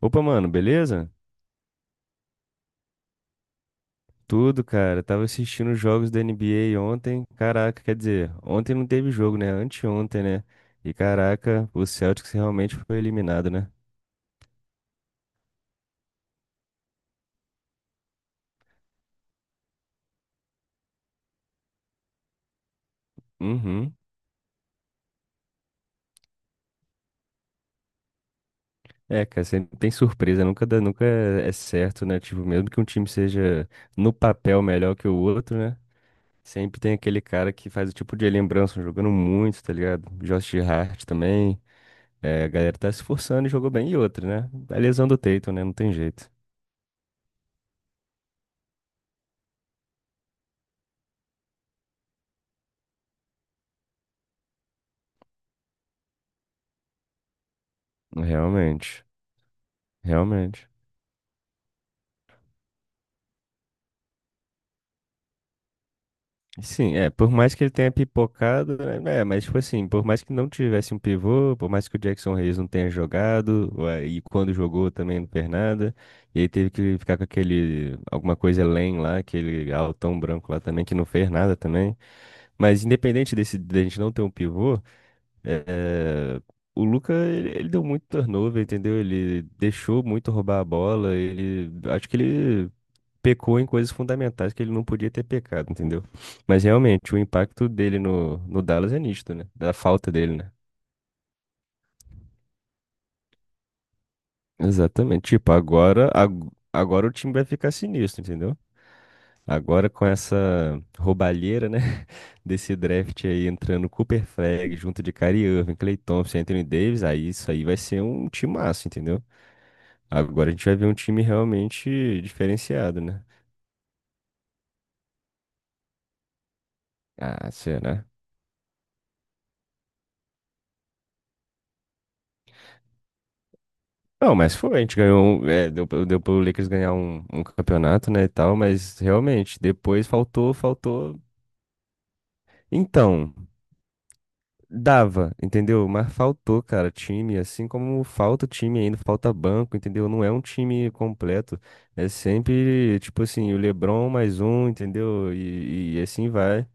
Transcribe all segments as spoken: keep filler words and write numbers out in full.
Opa, mano, beleza? Tudo, cara. Tava assistindo os jogos da N B A ontem. Caraca, quer dizer, ontem não teve jogo, né? Anteontem, né? E caraca, o Celtics realmente foi eliminado, né? Uhum. É, cara, sempre tem surpresa, nunca dá, nunca é é certo, né? Tipo, mesmo que um time seja no papel melhor que o outro, né? Sempre tem aquele cara que faz o tipo de lembrança, jogando muito, tá ligado? Josh Hart também. É, a galera tá se esforçando e jogou bem. E outra, né? A lesão do Tatum, né? Não tem jeito. Realmente. Realmente. Sim, é, por mais que ele tenha pipocado, né, é, mas tipo assim, por mais que não tivesse um pivô, por mais que o Jackson Reyes não tenha jogado, ué, e quando jogou também não fez nada, e aí teve que ficar com aquele, alguma coisa além lá, aquele altão branco lá também, que não fez nada também. Mas independente desse, da gente não ter um pivô, é, o Luka, ele, ele deu muito turnover, entendeu? Ele deixou muito roubar a bola, ele, acho que ele pecou em coisas fundamentais que ele não podia ter pecado, entendeu? Mas realmente, o impacto dele no, no Dallas é nítido, né? Da falta dele, né? Exatamente. Tipo, agora, ag- agora o time vai ficar sinistro, entendeu? Agora com essa roubalheira, né? Desse draft aí entrando Cooper Flag junto de Kyrie Irving, Klay Thompson, Anthony Davis, aí isso aí vai ser um timaço, entendeu? Agora a gente vai ver um time realmente diferenciado, né? Ah, será? Não, mas foi, a gente ganhou, um- é, deu, pro- deu pro Lakers ganhar um, um campeonato, né, e tal, mas realmente, depois faltou, faltou. Então, dava, entendeu? Mas faltou, cara, time, assim como falta time ainda, falta banco, entendeu? Não é um time completo, é sempre, tipo assim, o LeBron mais um, entendeu? E, e assim vai.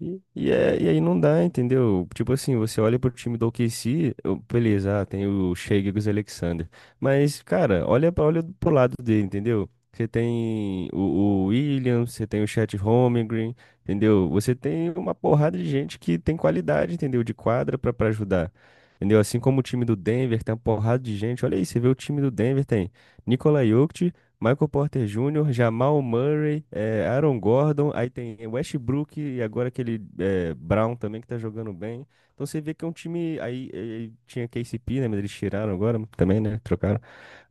E, e, é- e aí não dá, entendeu? Tipo assim, você olha pro time do O K C, eu- beleza, ah, tem o Shea Gilgeous Alexander. Mas, cara, olha, pra- olha pro lado dele, entendeu? Você tem o, o Williams, você tem o Chet Holmgren, entendeu? Você tem uma porrada de gente que tem qualidade, entendeu? De quadra pra, pra ajudar. Entendeu? Assim como o time do Denver tem uma porrada de gente. Olha aí, você vê o time do Denver, tem Nikola Jokic, Michael Porter Júnior, Jamal Murray, eh, Aaron Gordon, aí tem Westbrook e agora aquele eh, Brown também que tá jogando bem. Então você vê que é um time. Aí eh, tinha K C P, né? Mas eles tiraram agora também, né? Trocaram.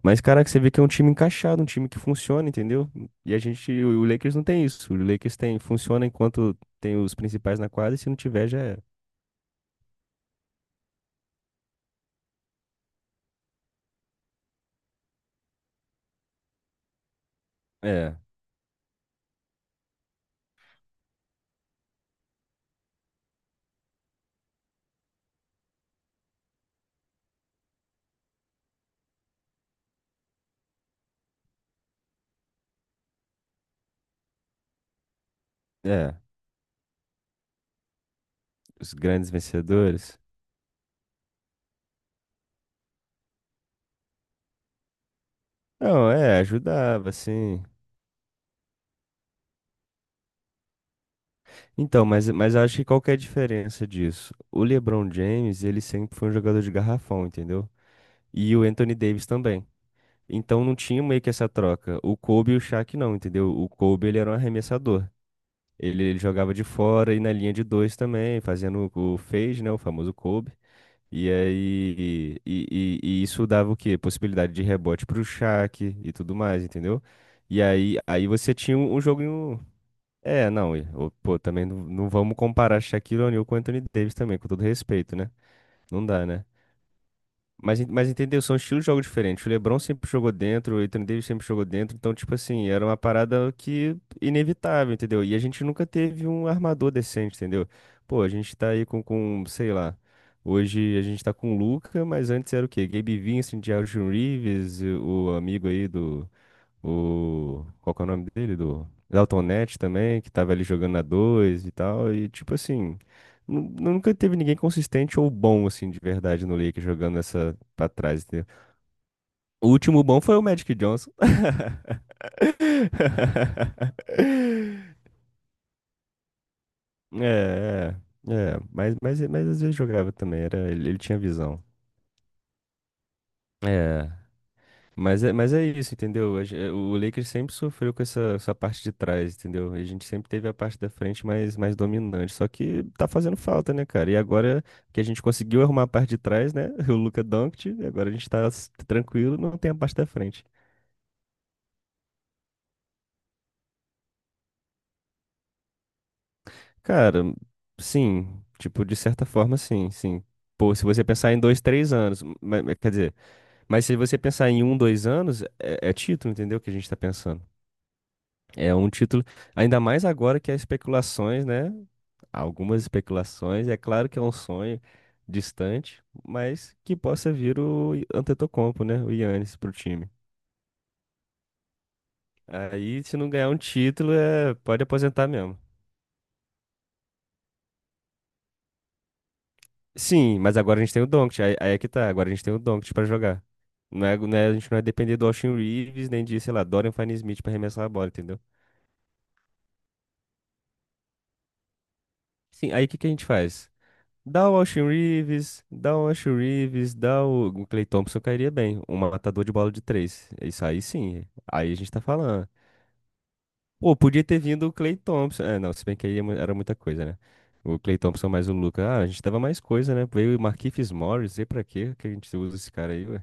Mas, caraca, você vê que é um time encaixado, um time que funciona, entendeu? E a gente. O o Lakers não tem isso. O Lakers tem, funciona enquanto tem os principais na quadra e se não tiver já é. É, é. Os grandes vencedores. Não, é, ajudava, assim. Então, mas, mas eu acho que qual que é a diferença disso? O LeBron James, ele sempre foi um jogador de garrafão, entendeu? E o Anthony Davis também. Então não tinha meio que essa troca. O Kobe e o Shaq não, entendeu? O Kobe, ele era um arremessador. Ele, ele jogava de fora e na linha de dois também, fazendo o o fade, né? O famoso Kobe. E aí, e, e- e isso dava o quê? Possibilidade de rebote pro Shaq e tudo mais, entendeu? E aí, aí você tinha um um jogo, é, não, e, ô, pô, também não, não vamos comparar Shaquille O'Neal com Anthony Davis também, com todo respeito, né? Não dá, né? Mas, en- mas entendeu? São estilos de jogo diferentes. O LeBron sempre jogou dentro, o Anthony Davis sempre jogou dentro, então, tipo assim, era uma parada que inevitável, entendeu? E a gente nunca teve um armador decente, entendeu? Pô, a gente tá aí com, com, sei lá, hoje a gente tá com o Luka, mas antes era o quê? Gabe Vincent, Jaron Reeves, e o amigo aí do. O. Qual que é o nome dele? Do. Dalton Neto também, que tava ali jogando a dois e tal. E tipo assim. nu- Nunca teve ninguém consistente ou bom, assim, de verdade no Lakers jogando essa pra trás. Entendeu? O último bom foi o Magic Johnson. É, é, é. Mas, mas, mas às vezes jogava também. Era, ele, ele tinha visão. É. Mas é, mas é isso, entendeu? A gen- O Lakers sempre sofreu com essa, essa parte de trás, entendeu? A gente sempre teve a parte da frente mais, mais dominante. Só que tá fazendo falta, né, cara? E agora que a gente conseguiu arrumar a parte de trás, né? O Luka Doncic, e agora a gente tá s- tranquilo, não tem a parte da frente. Cara, sim, tipo, de certa forma, sim, sim. Pô, se você pensar em dois, três anos, ma- ma- quer dizer, mas se você pensar em um, dois anos, é, é título, entendeu? Que a gente tá pensando. É um título, ainda mais agora que há especulações, né? Há algumas especulações, é claro que é um sonho distante, mas que possa vir o Antetokounmpo, né? O Giannis pro time. Aí, se não ganhar um título, é... pode aposentar mesmo. Sim, mas agora a gente tem o Doncic, aí, aí é que tá, agora a gente tem o Doncic pra jogar. Não é, não é- a gente não é depender do Austin Reeves, nem de, sei lá, Dorian Finney-Smith pra arremessar a bola, entendeu? Sim, aí o que que a gente faz? Dá o Austin Reeves, dá o Austin Reeves, dá o o Klay Thompson cairia bem. Um matador de bola de três. Isso aí sim. Aí a gente tá falando. Pô, podia ter vindo o Klay Thompson. É, não, se bem que aí é mu- era muita coisa, né? O Klay Thompson mais o Luka. Ah, a gente tava mais coisa, né? Veio o Markieff Morris. E pra quê que a gente usa esse cara aí, ué?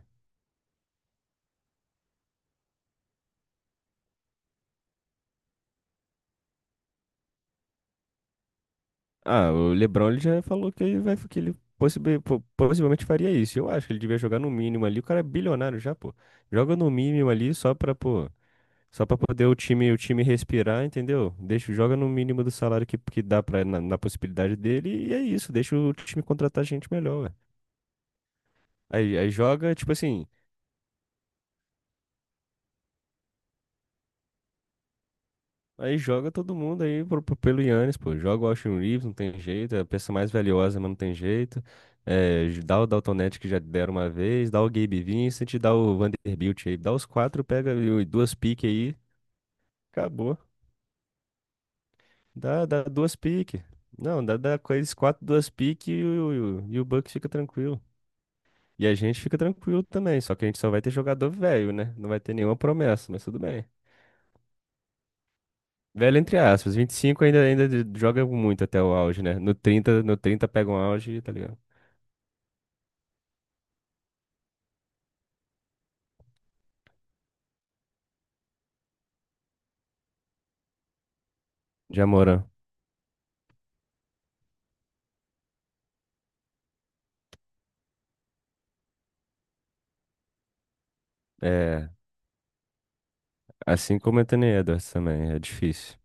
Ah, o LeBron ele já falou que ele vai, que ele possibi- po- possivelmente faria isso. Eu acho que ele devia jogar no mínimo ali. O cara é bilionário já, pô. Joga no mínimo ali só pra, pô. Só pra poder o time, o time respirar, entendeu? Deixa, joga no mínimo do salário que, que dá pra, na, na possibilidade dele e é isso. Deixa o time contratar gente melhor, ué. Aí, aí joga, tipo assim, aí joga todo mundo aí pro, pro- pelo Yannis, pô. Joga o Austin Reeves, não tem jeito. É a peça mais valiosa, mas não tem jeito. É, j- dá o Dalton Knecht que já deram uma vez, dá o Gabe Vincent, dá o Vanderbilt aí. Dá os quatro, pega e duas piques aí, acabou. Dá, dá duas piques. Não, dá, dá com quase quatro, duas piques e, o, e o e o Bucks fica tranquilo. E a gente fica tranquilo também, só que a gente só vai ter jogador velho, né? Não vai ter nenhuma promessa, mas tudo bem. Velho entre aspas, vinte e cinco ainda, ainda de- joga muito até o auge, né? No trinta no trinta pega um auge, tá ligado? Já Moran. É, assim como o Anthony Edwards também, é difícil.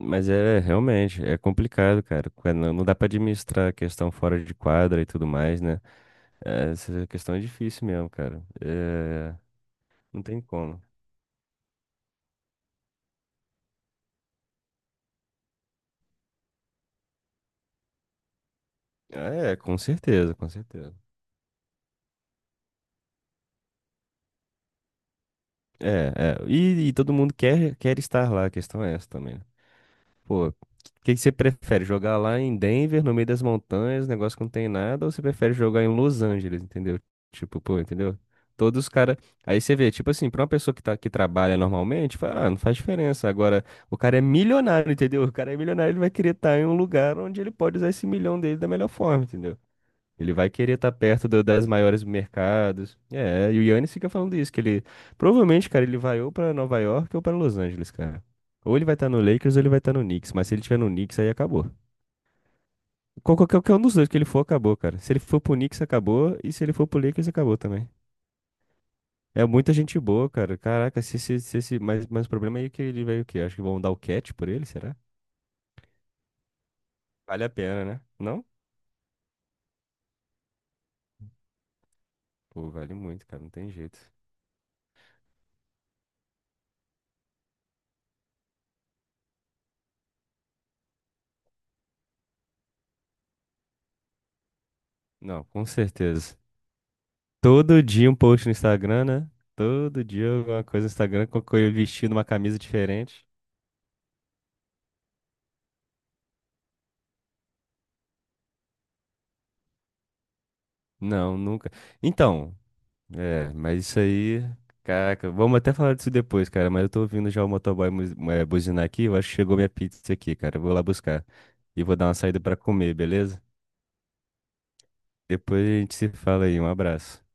Mas é realmente, é complicado, cara. Quando não não dá pra administrar a questão fora de quadra e tudo mais, né? É, essa questão é difícil mesmo, cara. É, não tem como. É, com certeza, com certeza. É, é. E, e todo mundo quer, quer estar lá, a questão é essa também, né? Pô, o que que você prefere? Jogar lá em Denver, no meio das montanhas, negócio que não tem nada, ou você prefere jogar em Los Angeles, entendeu? Tipo, pô, entendeu? Todos os caras. Aí você vê, tipo assim, pra uma pessoa que, tá, que trabalha normalmente, fala, ah, não faz diferença. Agora, o cara é milionário, entendeu? O cara é milionário, ele vai querer estar em um lugar onde ele pode usar esse milhão dele da melhor forma, entendeu? Ele vai querer estar perto do- das maiores mercados. É, e o Yannis fica falando isso, que ele provavelmente, cara, ele vai ou pra Nova York ou pra Los Angeles, cara. Ou ele vai estar no Lakers ou ele vai estar no Knicks, mas se ele tiver no Knicks aí acabou. Qual- qual- Qualquer um dos dois que ele for acabou, cara. Se ele for pro Knicks acabou e se ele for pro Lakers acabou também. É muita gente boa, cara. Caraca, se, se, se, se- mas, mas o problema é que ele vai o quê? Acho que vão dar o cat por ele, será? Vale a pena, né? Não? Pô, vale muito, cara, não tem jeito. Não, com certeza. Todo dia um post no Instagram, né? Todo dia alguma coisa no Instagram com eu vestindo uma camisa diferente. Não, nunca. Então, é, mas isso aí. Caraca, vamos até falar disso depois, cara. Mas eu tô ouvindo já o motoboy mu- é, buzinar aqui. Eu acho que chegou minha pizza aqui, cara. Eu vou lá buscar. E vou dar uma saída pra comer, beleza? Depois a gente se fala aí. Um abraço.